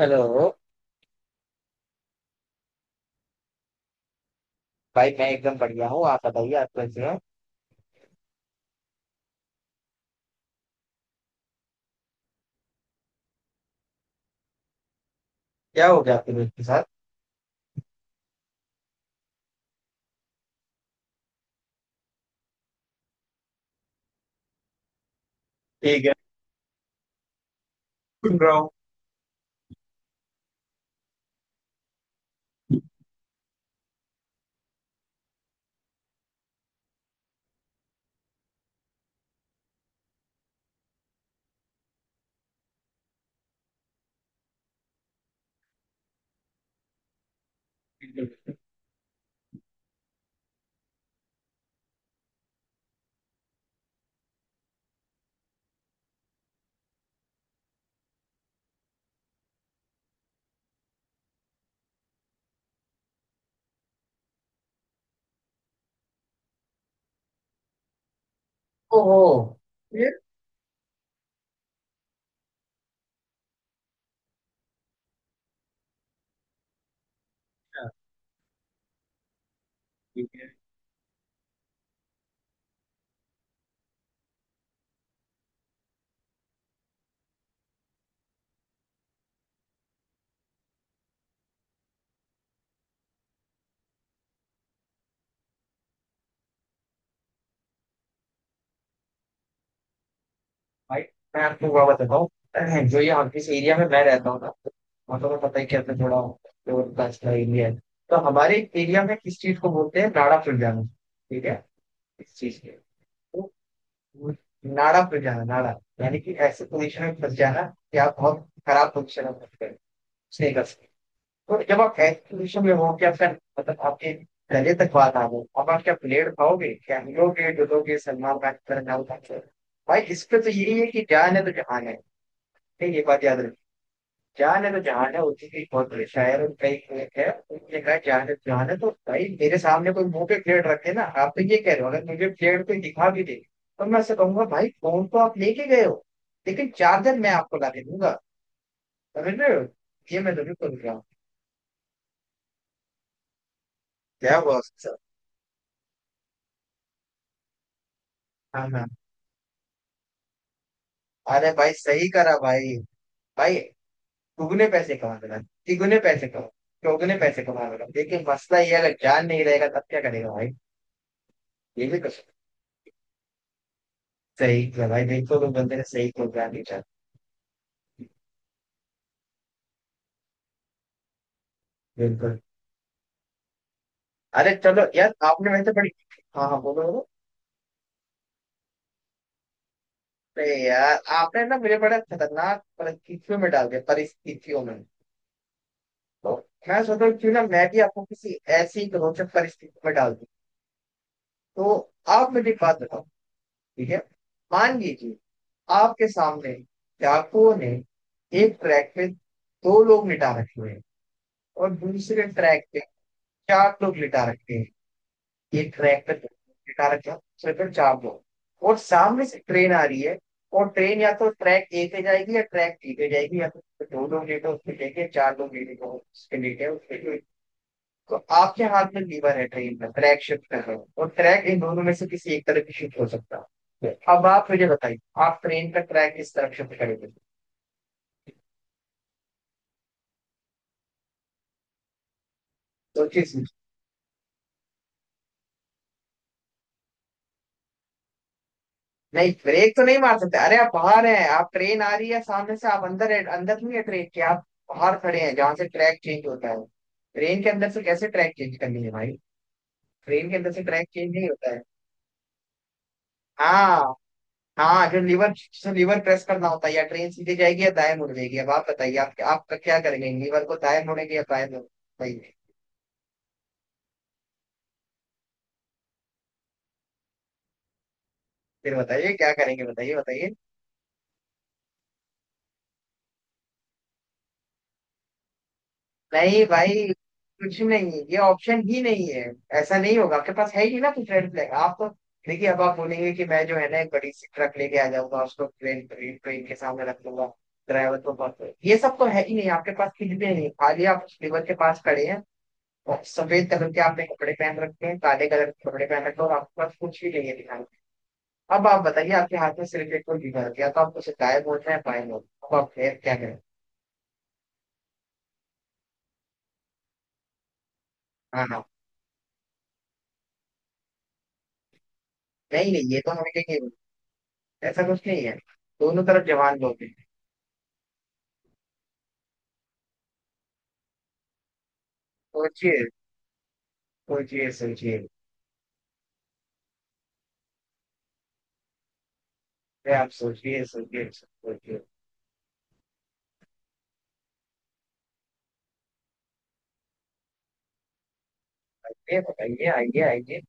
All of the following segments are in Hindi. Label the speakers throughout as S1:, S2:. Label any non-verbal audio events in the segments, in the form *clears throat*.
S1: हेलो। भाई, मैं एकदम बढ़िया हूँ। आप बताइए, आप कैसे हैं? क्या हो गया आपके दोस्त के साथ? ठीक है। सुन रहा हूँ। बिल्कुल। ओहो। ये। ठीक है। भाई, मैं आपको हुआ बताता हूँ। *clears throat* जो ये हम जिस एरिया में मैं रहता हूँ ना, मतलब को पता ही क्या, मैं थोड़ा प्योर कास्ट का अच्छा एरिया है। तो हमारे एरिया में किस चीज को बोलते हैं, नाड़ा प्रजाना, ठीक है। इस चीज के, तो वो नाड़ा प्रजाना, नाड़ा यानी कि ऐसे पोजिशन में फंस जाना कि आप बहुत खराब पोजिशन में फंस गए, उसने कर सकते हैं। तो जब आप एक्सपोजिशन में हो, क्या सर, मतलब आपके गले तक बात आ गई, अब आप क्या प्लेयर खाओगे, क्या हिलोगे डुलोगे सलमान खान की तरह, ना उठा के? भाई, इस पे तो यही है कि जान है तो जहान है। नहीं, ये बात याद रखी, जान है तो जहान है। उसी की बहुत बड़े शायर और कई लेख है, उनने कहा जान है तो जहान है। तो भाई, मेरे सामने कोई मुंह पे प्लेट रखे, ना आप तो ये कह रहे हो, अगर मुझे प्लेट कोई दिखा भी दे तो मैं ऐसे कहूंगा, भाई फोन तो आप लेके गए हो लेकिन चार्जर मैं आपको ला के दूंगा। समझ रहे हो, ये मैं जरूर कर रहा हूँ। क्या हुआ उसके साथ? हाँ हाँ। अरे भाई, सही करा भाई। भाई, दुगने पैसे कमा देना, तिगुने पैसे कमा, चौगुने पैसे कमा देना, लेकिन मसला ये है, अगर जान नहीं रहेगा तब क्या करेगा भाई? ये भी कुछ। सही किया भाई, बिल्कुल, तुम बंदे ने सही प्रोग्राम नहीं चाहती। बिल्कुल। अरे चलो यार, आपने वैसे बड़ी। हाँ हाँ, बोलो बोलो। अरे यार, आपने ना मुझे बड़ा खतरनाक परिस्थितियों में डाल दिया, परिस्थितियों में। तो मैं सोच रहा हूँ क्यों ना मैं भी आपको किसी ऐसी रोचक परिस्थिति में डाल दूं। तो आप मुझे एक बात बताओ, ठीक है? मान लीजिए, आपके सामने डाकुओं ने एक ट्रैक पे दो लोग लिटा रखे हुए हैं, और दूसरे ट्रैक पे चार लोग लिटा रखे हैं। एक ट्रैक पे दो लोग लिटा रखे हैं, दूसरे पे चार लोग। और सामने से ट्रेन आ रही है, और ट्रेन या तो ट्रैक ए पे जाएगी या ट्रैक बी पे जाएगी, या तो उस पे दो लोग लेटे उस पे लेटे, चार लोग लेटे उस पे लेटे उस पे। तो आपके हाथ में लीवर है, ट्रेन का ट्रैक शिफ्ट कर रहे हो, और ट्रैक इन दोनों में से किसी एक तरफ शिफ्ट हो सकता है। अब आप मुझे बताइए, आप ट्रेन का ट्रैक किस तरफ शिफ्ट करेंगे? सोचिए सोचिए। नहीं, ब्रेक तो नहीं मार सकते। अरे, आप बाहर हैं, आप ट्रेन आ रही है सामने से, आप अंदर है, अंदर नहीं है ट्रेन के, आप बाहर खड़े हैं जहां से ट्रैक चेंज होता है। ट्रेन के अंदर से कैसे ट्रैक चेंज करनी है भाई? ट्रेन के अंदर से ट्रैक चेंज नहीं होता है। हाँ हाँ, अगर लीवर, लीवर प्रेस करना होता है, या ट्रेन सीधे जाएगी या दाएं मुड़ जाएगी। अब आप बताइए, आप आपका क्या करेंगे, लीवर को दाएं मोड़ेंगे या बाएं मोड़ेंगे? बताइए, फिर बताइए क्या करेंगे, बताइए बताइए। नहीं भाई, कुछ नहीं, ये ऑप्शन ही नहीं है। ऐसा नहीं होगा, आपके पास है ही ना कुछ रेड फ्लैग, आप तो। देखिए, अब आप बोलेंगे कि मैं जो है ना, एक बड़ी सी ट्रक लेके आ जाऊंगा, उसको ट्रेन, ट्रेन के सामने रख लूंगा, ड्राइवर को बहुत, ये सब तो है ही नहीं आपके पास, कुछ भी नहीं, खाली आप लीवर के पास खड़े हैं। और सफेद कलर के आपने कपड़े पहन रखे हैं, काले कलर के कपड़े पहन रखे हैं, और आपके पास कुछ भी नहीं है दिखाने को। अब आप बताइए, आपके हाथ में सिर्फ एक, कोई बीमार गया तो आपको शिकायत बोलते हैं बाएं लोग, अब आप फिर क्या करें? हाँ हाँ। नहीं नहीं, ये तो हमें कहीं नहीं बोलते, ऐसा कुछ नहीं है। दोनों तरफ जवान लोग हैं। सोचिए सोचिए सोचिए। अरे आप सोचिए सोचिए सोचिए। ये बताइए, आइए आइए।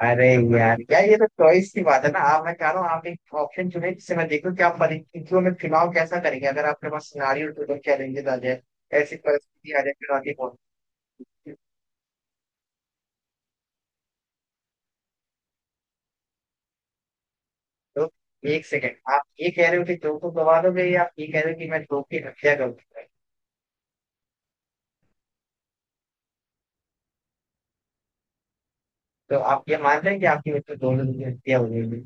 S1: अरे यार यार, ये तो चॉइस की बात है ना। आप, मैं कह रहा हूँ, आप एक ऑप्शन चुने जिससे मैं देखूं कि आप परिस्थितियों में चुनाव कैसा करेंगे अगर आपके पास सिनारियो टू चैलेंजेस आ जाए, ऐसी परिस्थिति आ जाए, चुनौतीपूर्ण। तो एक सेकंड, आप ये कह रहे हो कि दो को गवा दोगे, या आप ये कह रहे हो कि मैं दो की हत्या करूंगा? तो आप ये मान रहे हैं कि आपकी वजह से दो लोगों की हत्या हो जाएगी?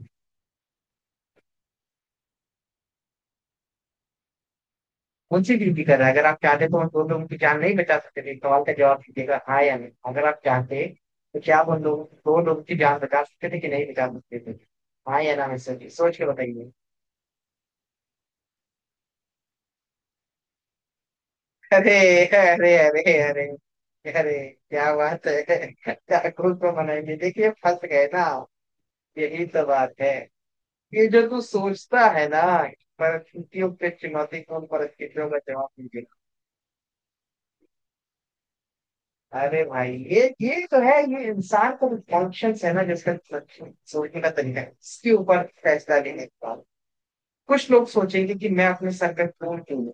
S1: कौन सी ड्यूटी कर रहा है? अगर आप चाहते तो उन दो लोगों की जान नहीं बचा सकते थे, इस सवाल का जवाब दीजिएगा, हाँ या नहीं। अगर आप चाहते तो क्या आप उन लोगों, दो लोगों की जान बचा सकते थे कि नहीं बचा सकते थे? हाँ या ना, मैं, सोचिए, सोच के बताइए। अरे अरे अरे। अरे, अरे, क्या बात है! क्या खुद को मनाएंगे? देखिए, फंस गए ना, यही तो बात है। ये जो तू सोचता है ना, परिस्थितियों पे, चुनौतीपूर्ण परिस्थितियों का जवाब दीजिए। अरे भाई, ये तो है, ये इंसान का कॉन्शियस है ना, जिसका सोचने का तरीका है, इसके ऊपर फैसला लेने का। कुछ लोग सोचेंगे कि मैं अपने सर पे फूल क्यों लूं?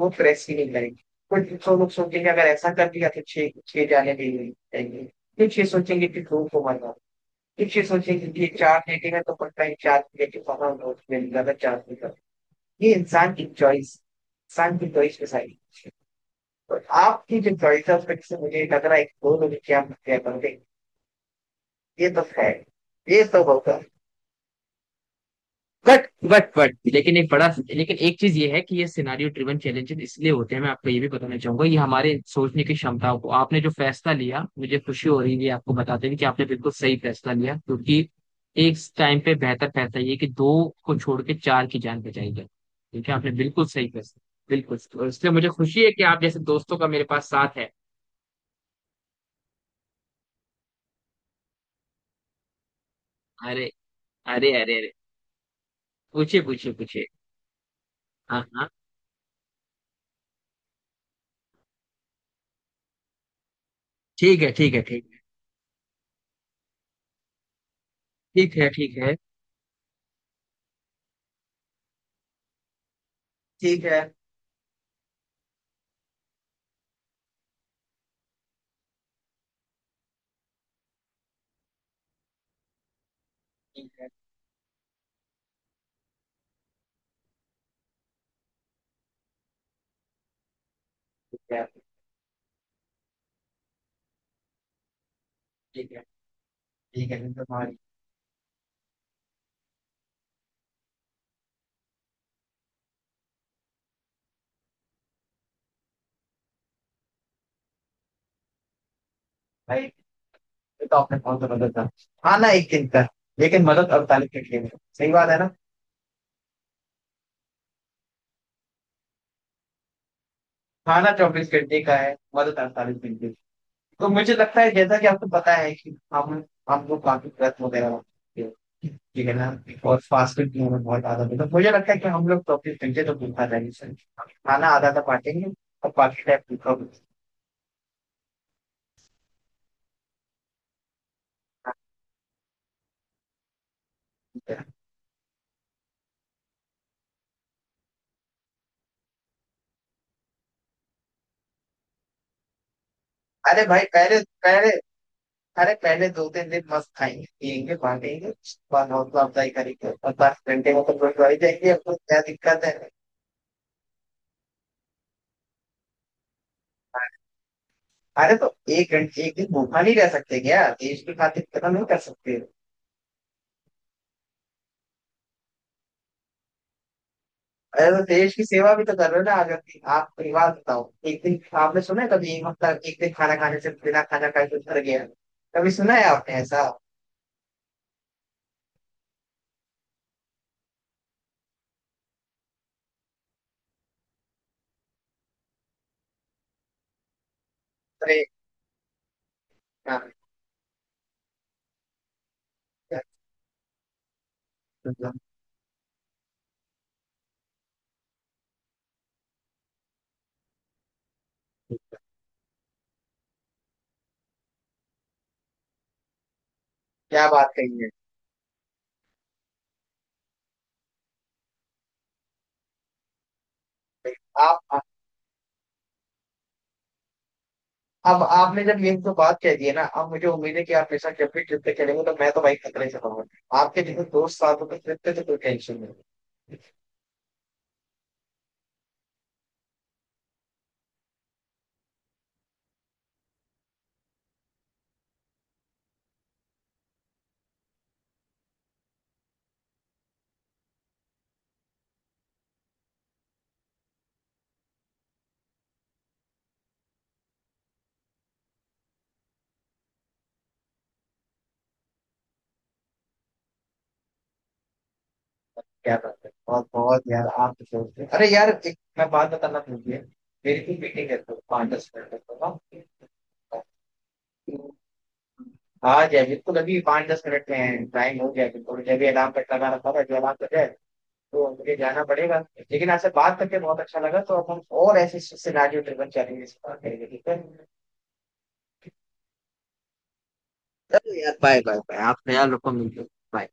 S1: वो प्रेस ही नहीं करेंगे। कुछ तो लोग सोचेंगे अगर ऐसा कर दिया तो छह छह जाने भी नहीं देंगे। कुछ ये सोचेंगे कि धूप को मरना। कुछ ये सोचेंगे कि ये चार लेके है तो पता ही चार लेके वहां नोट में निकाला, चार निकाला। ये इंसान की चॉइस, इंसान की चॉइस डिसाइड। और आपकी जो चॉइस है उस पर से मुझे लग रहा है कि दो लोग क्या क्या, ये तो है, ये तो होगा। बट बट लेकिन एक बड़ा, लेकिन एक चीज ये है कि ये सिनारियो ड्रिवन चैलेंजेस इसलिए होते हैं। मैं आपको ये भी बताना चाहूंगा, ये हमारे सोचने की क्षमताओं को, आपने जो फैसला लिया, मुझे खुशी हो रही है आपको बताते हुए कि आपने बिल्कुल सही फैसला लिया, क्योंकि एक टाइम पे बेहतर फैसला ये कि दो को छोड़ के चार की जान बचाई जाए। ठीक है, आपने बिल्कुल सही फैसला। बिल्कुल, और इसलिए मुझे खुशी है कि आप जैसे दोस्तों का मेरे पास साथ है। अरे अरे अरे। अरे, पूछिए पूछिए पूछिए। हाँ हाँ। ठीक है ठीक है ठीक है। ठीक है। ठीक है। ठीक है। ठीक है। ठीक है। ठीक है। ठीक है फिर तुम्हारी। भाई ये तो आपने बहुत मदद था। खाना एक दिन का, लेकिन मदद 48 घंटे में, सही बात है ना? खाना 24 घंटे का है, मदद 48 घंटे की। तो मुझे लगता है, जैसा कि आपको पता है कि हम लोग काफी व्रत वगैरह रखते हैं, ठीक है ना, और फास्ट फूड भी हमें बहुत आदत है, तो मुझे लगता है कि हम लोग 24 घंटे तो भूखा रहेंगे सर, खाना आधा आधा बांटेंगे, और बाकी टाइम भूखा भूखा। अरे भाई, पहले पहले, अरे पहले 2-3 दिन मस्त खाएंगे पियेंगे बांटेंगे, उसके बाद हौसला अफजाई करेंगे, और 10 घंटे में तो गुरुद्वारे जाएंगे, आपको क्या दिक्कत है? अरे तो एक घंटे, एक दिन भूखा नहीं रह सकते क्या देश की खातिर, इतना नहीं कर सकते? अरे तो देश की सेवा भी तो कर रहे हो ना आज, अपनी आप परिवार बताओ, एक दिन आपने सुना है कभी एक हफ्ता, एक दिन खाना खाने से, बिना खाना खाए कुछ मर गया, कभी सुना है आपने ऐसा? अरे हाँ, क्या बात कही है आप! अब आपने जब ये जो बात कह दी है ना, अब मुझे उम्मीद है कि आप हमेशा जब भी ट्रिप पे चलेंगे तो मैं तो भाई खतरे से रहूंगा, आपके जैसे दोस्त साथ होते ट्रिप पे तो कोई टेंशन नहीं। क्या बात है, बहुत बहुत यार, आप तो दोस्त हैं। अरे यार, एक मैं बात बताना भूल गया, मेरी भी मीटिंग है तो 5-10 मिनट तक। हाँ, आ जाए बिल्कुल, अभी 5-10 मिनट में टाइम हो गया, बिल्कुल मुझे भी अलार्म कट लगा रखा था, जो अलार्म कट जाए तो मुझे जाना पड़ेगा। लेकिन आपसे बात करके बहुत अच्छा लगा, तो अब हम और ऐसे सिनारियो ड्रिवन चैलेंजेस पर बात करेंगे, ठीक है? चलो यार, बाय बाय बाय, आप ख्याल रखो, मिलते हैं। Bye.